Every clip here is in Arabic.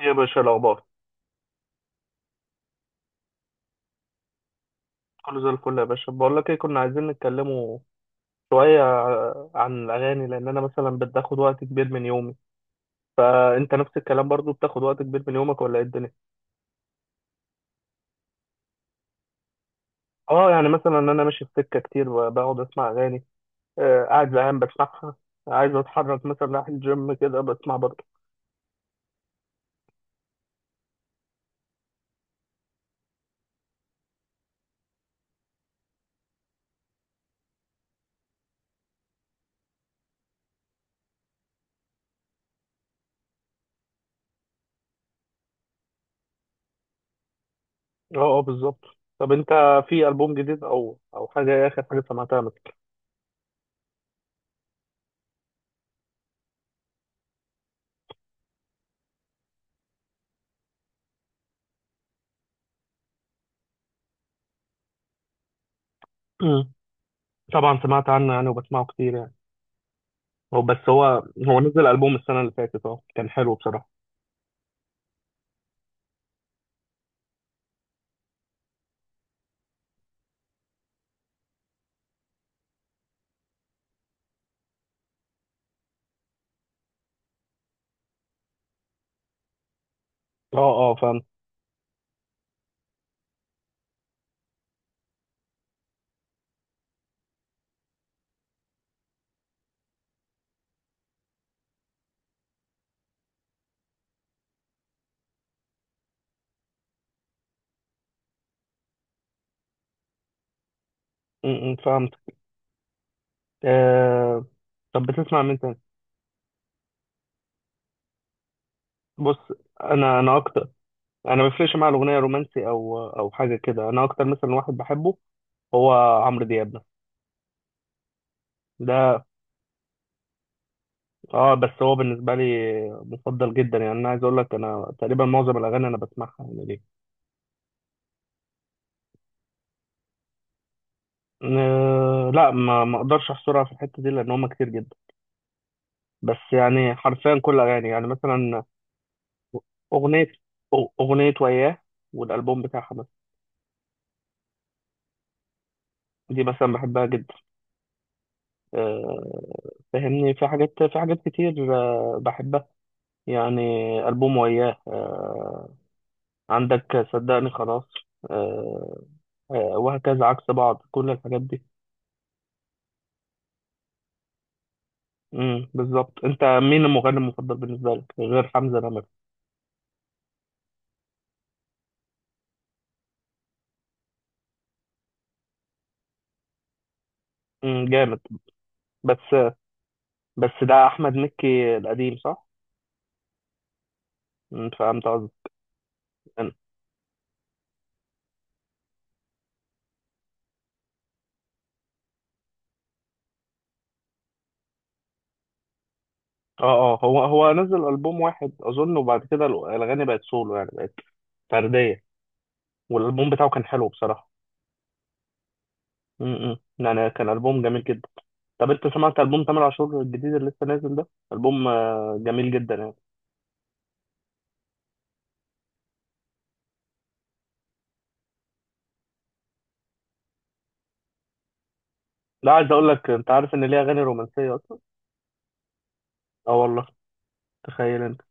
يا باشا الأخبار كله زي الفل يا باشا. بقول لك إيه، كنا عايزين نتكلموا شوية عن الأغاني، لأن أنا مثلا بتاخد وقت كبير من يومي، فأنت نفس الكلام برضو بتاخد وقت كبير من يومك، ولا إيه الدنيا؟ أه يعني مثلا أنا ماشي في سكة كتير بقعد أسمع أغاني. قاعد زهقان بسمعها. عايز أتحرك مثلا، رايح الجيم كده بسمع برضو. أه أه، بالظبط. طب أنت، في ألبوم جديد أو حاجة، إيه آخر حاجة سمعتها مثلا؟ مم. طبعا سمعت عنه يعني، وبسمعه كتير يعني. هو بس هو هو نزل ألبوم السنة اللي فاتت، كان حلو بصراحة. اه اه، فهمت. م- م، فهمت. آه طب بتسمع مين تاني؟ بص، انا اكتر، انا ما بيفرقش معايا الاغنيه رومانسي او حاجه كده. انا اكتر مثلا واحد بحبه هو عمرو دياب ده. اه بس هو بالنسبه لي مفضل جدا يعني. انا عايز اقول لك انا تقريبا معظم الاغاني انا بسمعها يعني ليه. لا، ما اقدرش احصرها في الحته دي لان هم كتير جدا. بس يعني حرفيا كل اغاني يعني. مثلا اغنيه اغنيه وياه، والالبوم بتاعها مثلا دي مثلا بحبها جدا. آه، فاهمني، في حاجات في حاجات كتير بحبها يعني. ألبوم وياه، عندك صدقني خلاص، آه، وهكذا عكس بعض كل الحاجات دي. بالظبط. انت مين المغني المفضل بالنسبه لك غير حمزة نمرة؟ امم، جامد. بس بس ده احمد مكي القديم، صح؟ فهمت قصدي. اه اه، هو نزل ألبوم واحد اظن، وبعد كده الأغاني بقت سولو، يعني بقت فردية. والألبوم بتاعه كان حلو بصراحة. يعني كان ألبوم جميل جدا. طب أنت سمعت ألبوم تامر عاشور الجديد اللي لسه نازل ده؟ ألبوم جميل جدا يعني. لا، عايز أقول لك، أنت عارف إن ليه أغاني رومانسية أصلا؟ أه والله، تخيل أنت.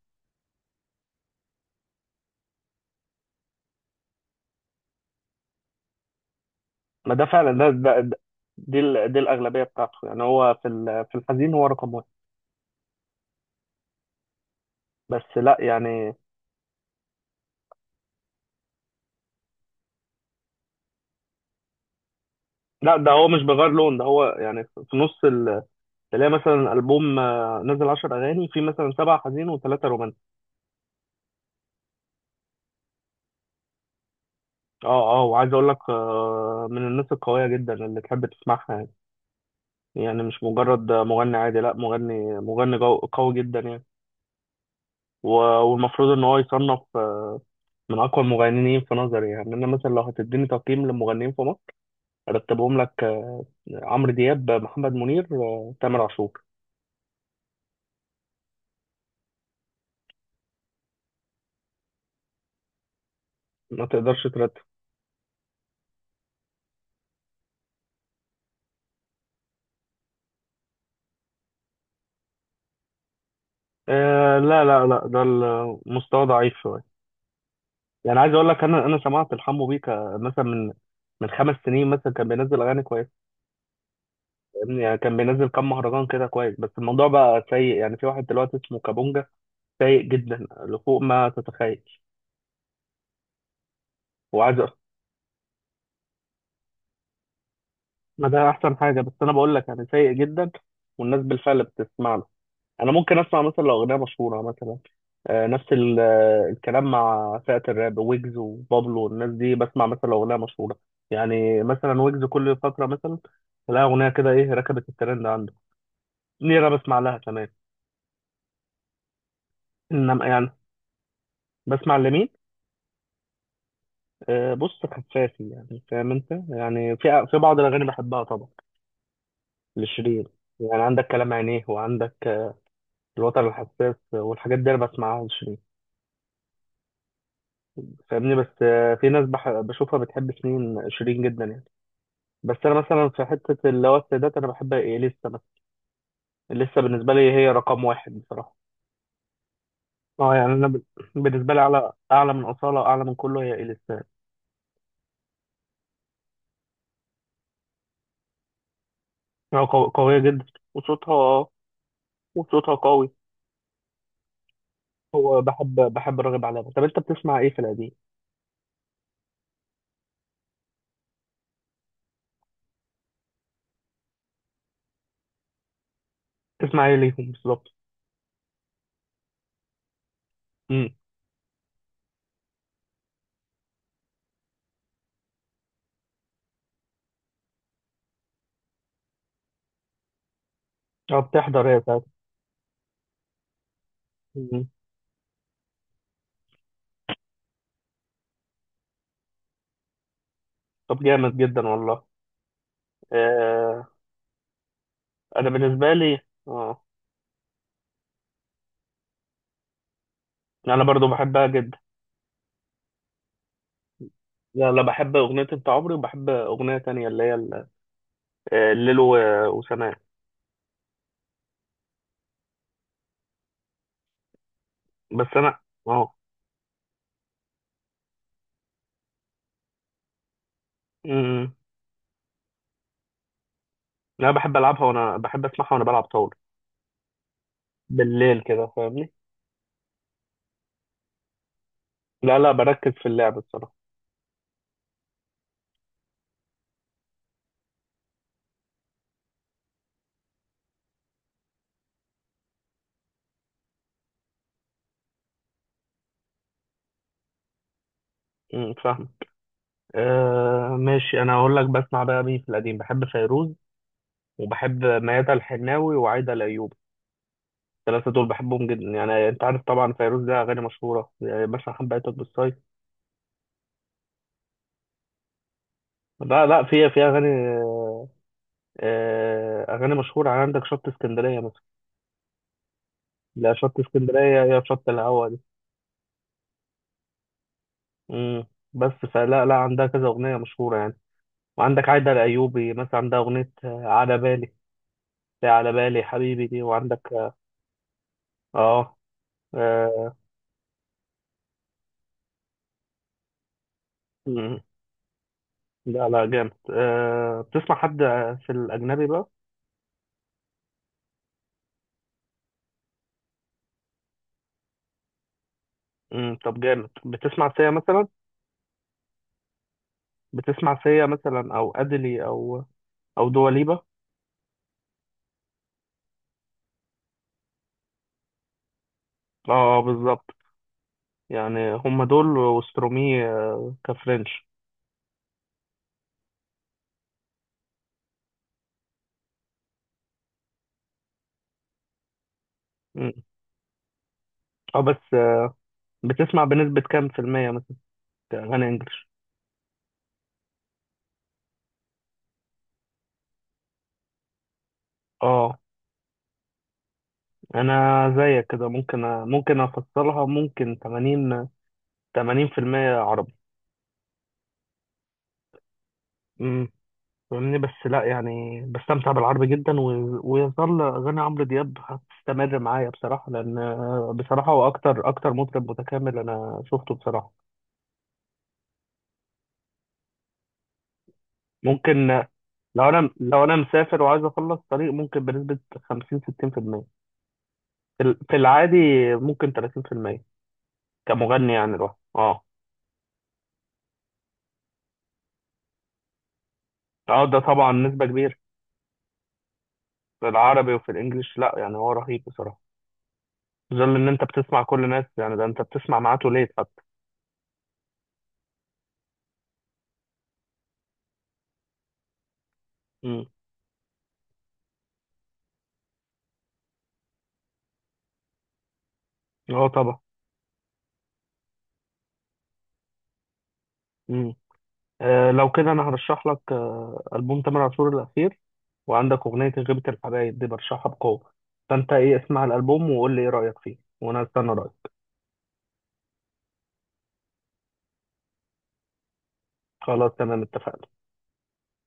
ما ده فعلا ده. دي الأغلبية بتاعته يعني. هو في الحزين هو رقم واحد. بس لا يعني. لا، ده هو مش بيغير لون، ده هو يعني في نص تلاقي مثلا ألبوم نزل 10 أغاني، في مثلا سبعة حزين وثلاثة رومانسي. أه أه. وعايز أقول لك من الناس القوية جدا اللي تحب تسمعها يعني. يعني مش مجرد مغني عادي، لا، قوي جدا يعني. و- والمفروض ان هو يصنف من اقوى المغنيين في نظري يعني. انا مثلا لو هتديني تقييم للمغنيين في مصر، ارتبهم لك: عمرو دياب، محمد منير، تامر عاشور. ما تقدرش ترتب. لا لا لا، ده المستوى ضعيف شويه. يعني عايز اقول لك، انا سمعت الحمو بيكا مثلا من خمس سنين. مثلا كان بينزل اغاني كويسه، فاهمني؟ يعني كان بينزل كام مهرجان كده كويس، بس الموضوع بقى سيء يعني. في واحد دلوقتي اسمه كابونجا سيء جدا لفوق ما تتخيل. وعايز أ- ما ده احسن حاجه، بس انا بقول لك يعني سيء جدا، والناس بالفعل بتسمع له. انا ممكن اسمع مثلا لو اغنيه مشهوره، مثلا نفس الكلام مع فئه الراب، ويجز وبابلو والناس دي. بسمع مثلا لو اغنيه مشهوره. يعني مثلا ويجز كل فتره مثلا تلاقي اغنيه كده ايه ركبت الترند عنده، دي انا بسمع لها كمان. انما يعني بسمع لمين؟ بص خفافي يعني، فاهم انت؟ يعني في بعض الاغاني بحبها طبعا لشيرين. يعني عندك كلام عينيه، وعندك الوتر الحساس، والحاجات دي انا بسمعها لشيرين. فاهمني؟ بس في ناس بشوفها بتحب شيرين شيرين جدا يعني. بس انا مثلا في حته اللي هو السيدات، انا بحب إيه لسه مثلا؟ لسه بالنسبه لي هي رقم واحد بصراحه. اه يعني انا بالنسبه لي، اعلى اعلى من اصاله، اعلى من كله، هي اليسا. هي قويه جدا، وصوتها وصوتها قوي. هو بحب راغب علامه. طب انت بتسمع ايه في القديم؟ بتسمع ايه ليهم بالظبط؟ امم. اه بتحضر هي ساعات. طب جامد جدا والله. آه انا بالنسبه لي، اه يعني انا برضو بحبها جدا. لا لا، بحب اغنيه انت عمري، وبحب اغنيه تانية اللي هي الليل وسماء. بس انا اه أمم. انا بحب العبها، وانا بحب اسمعها وانا بلعب طاوله بالليل كده، فاهمني؟ لا لا، بركز في اللعب الصراحه. فاهم. ماشي. انا هقول لك بسمع بقى مين في القديم: بحب فيروز، وبحب ميادة الحناوي وعايدة الايوبي. الثلاثة دول بحبهم جدا يعني. أنت عارف طبعا فيروز لها أغاني مشهورة، يعني مثلا حبيتك بالصيف. لا لا، في أغاني أغاني مشهورة يعني. عندك شط اسكندرية مثلا. لا، شط اسكندرية، يا شط الهوا دي. مم. بس فلا لا، عندها كذا أغنية مشهورة يعني. وعندك عايدة الأيوبي مثلا، عندها أغنية على بالي. لا، على بالي حبيبي دي، وعندك آه آه، مم. لا لا، جامد. بتسمع حد في الأجنبي بقى؟ مم. طب جامد. بتسمع سيا مثلا؟ بتسمع سيا مثلا، او ادلي، او دواليبا. بالظبط. يعني هم دول وسترومي كفرنش. مم. اه بس بتسمع بنسبة كام في المية مثلا اغاني انجلش؟ اه انا زيك كده، ممكن ممكن افصلها، ممكن 80، 80 في المية عربي. امم فاهمني؟ بس لا يعني، بستمتع بالعربي جدا. ويظل اغاني عمرو دياب هتستمر معايا بصراحة، لان بصراحة هو اكتر اكتر مطرب متكامل انا شفته بصراحة. ممكن، لو انا مسافر وعايز اخلص طريق، ممكن بنسبة 50، 60% في المية، في العادي ممكن 30%، كمغني يعني لوحده. اه اه، ده طبعا نسبة كبيرة في العربي وفي الانجليش. لا يعني هو رهيب بصراحة، في ظل ان انت بتسمع كل الناس. يعني ده انت بتسمع معاه ليت حتى. امم اه طبعا. امم لو كده انا هرشح لك البوم تامر عاشور الاخير، وعندك اغنية غيبة الحبايب دي برشحها بقوة. فانت ايه، اسمع الالبوم وقول لي ايه رأيك فيه، وانا استنى رأيك. خلاص تمام، اتفقنا.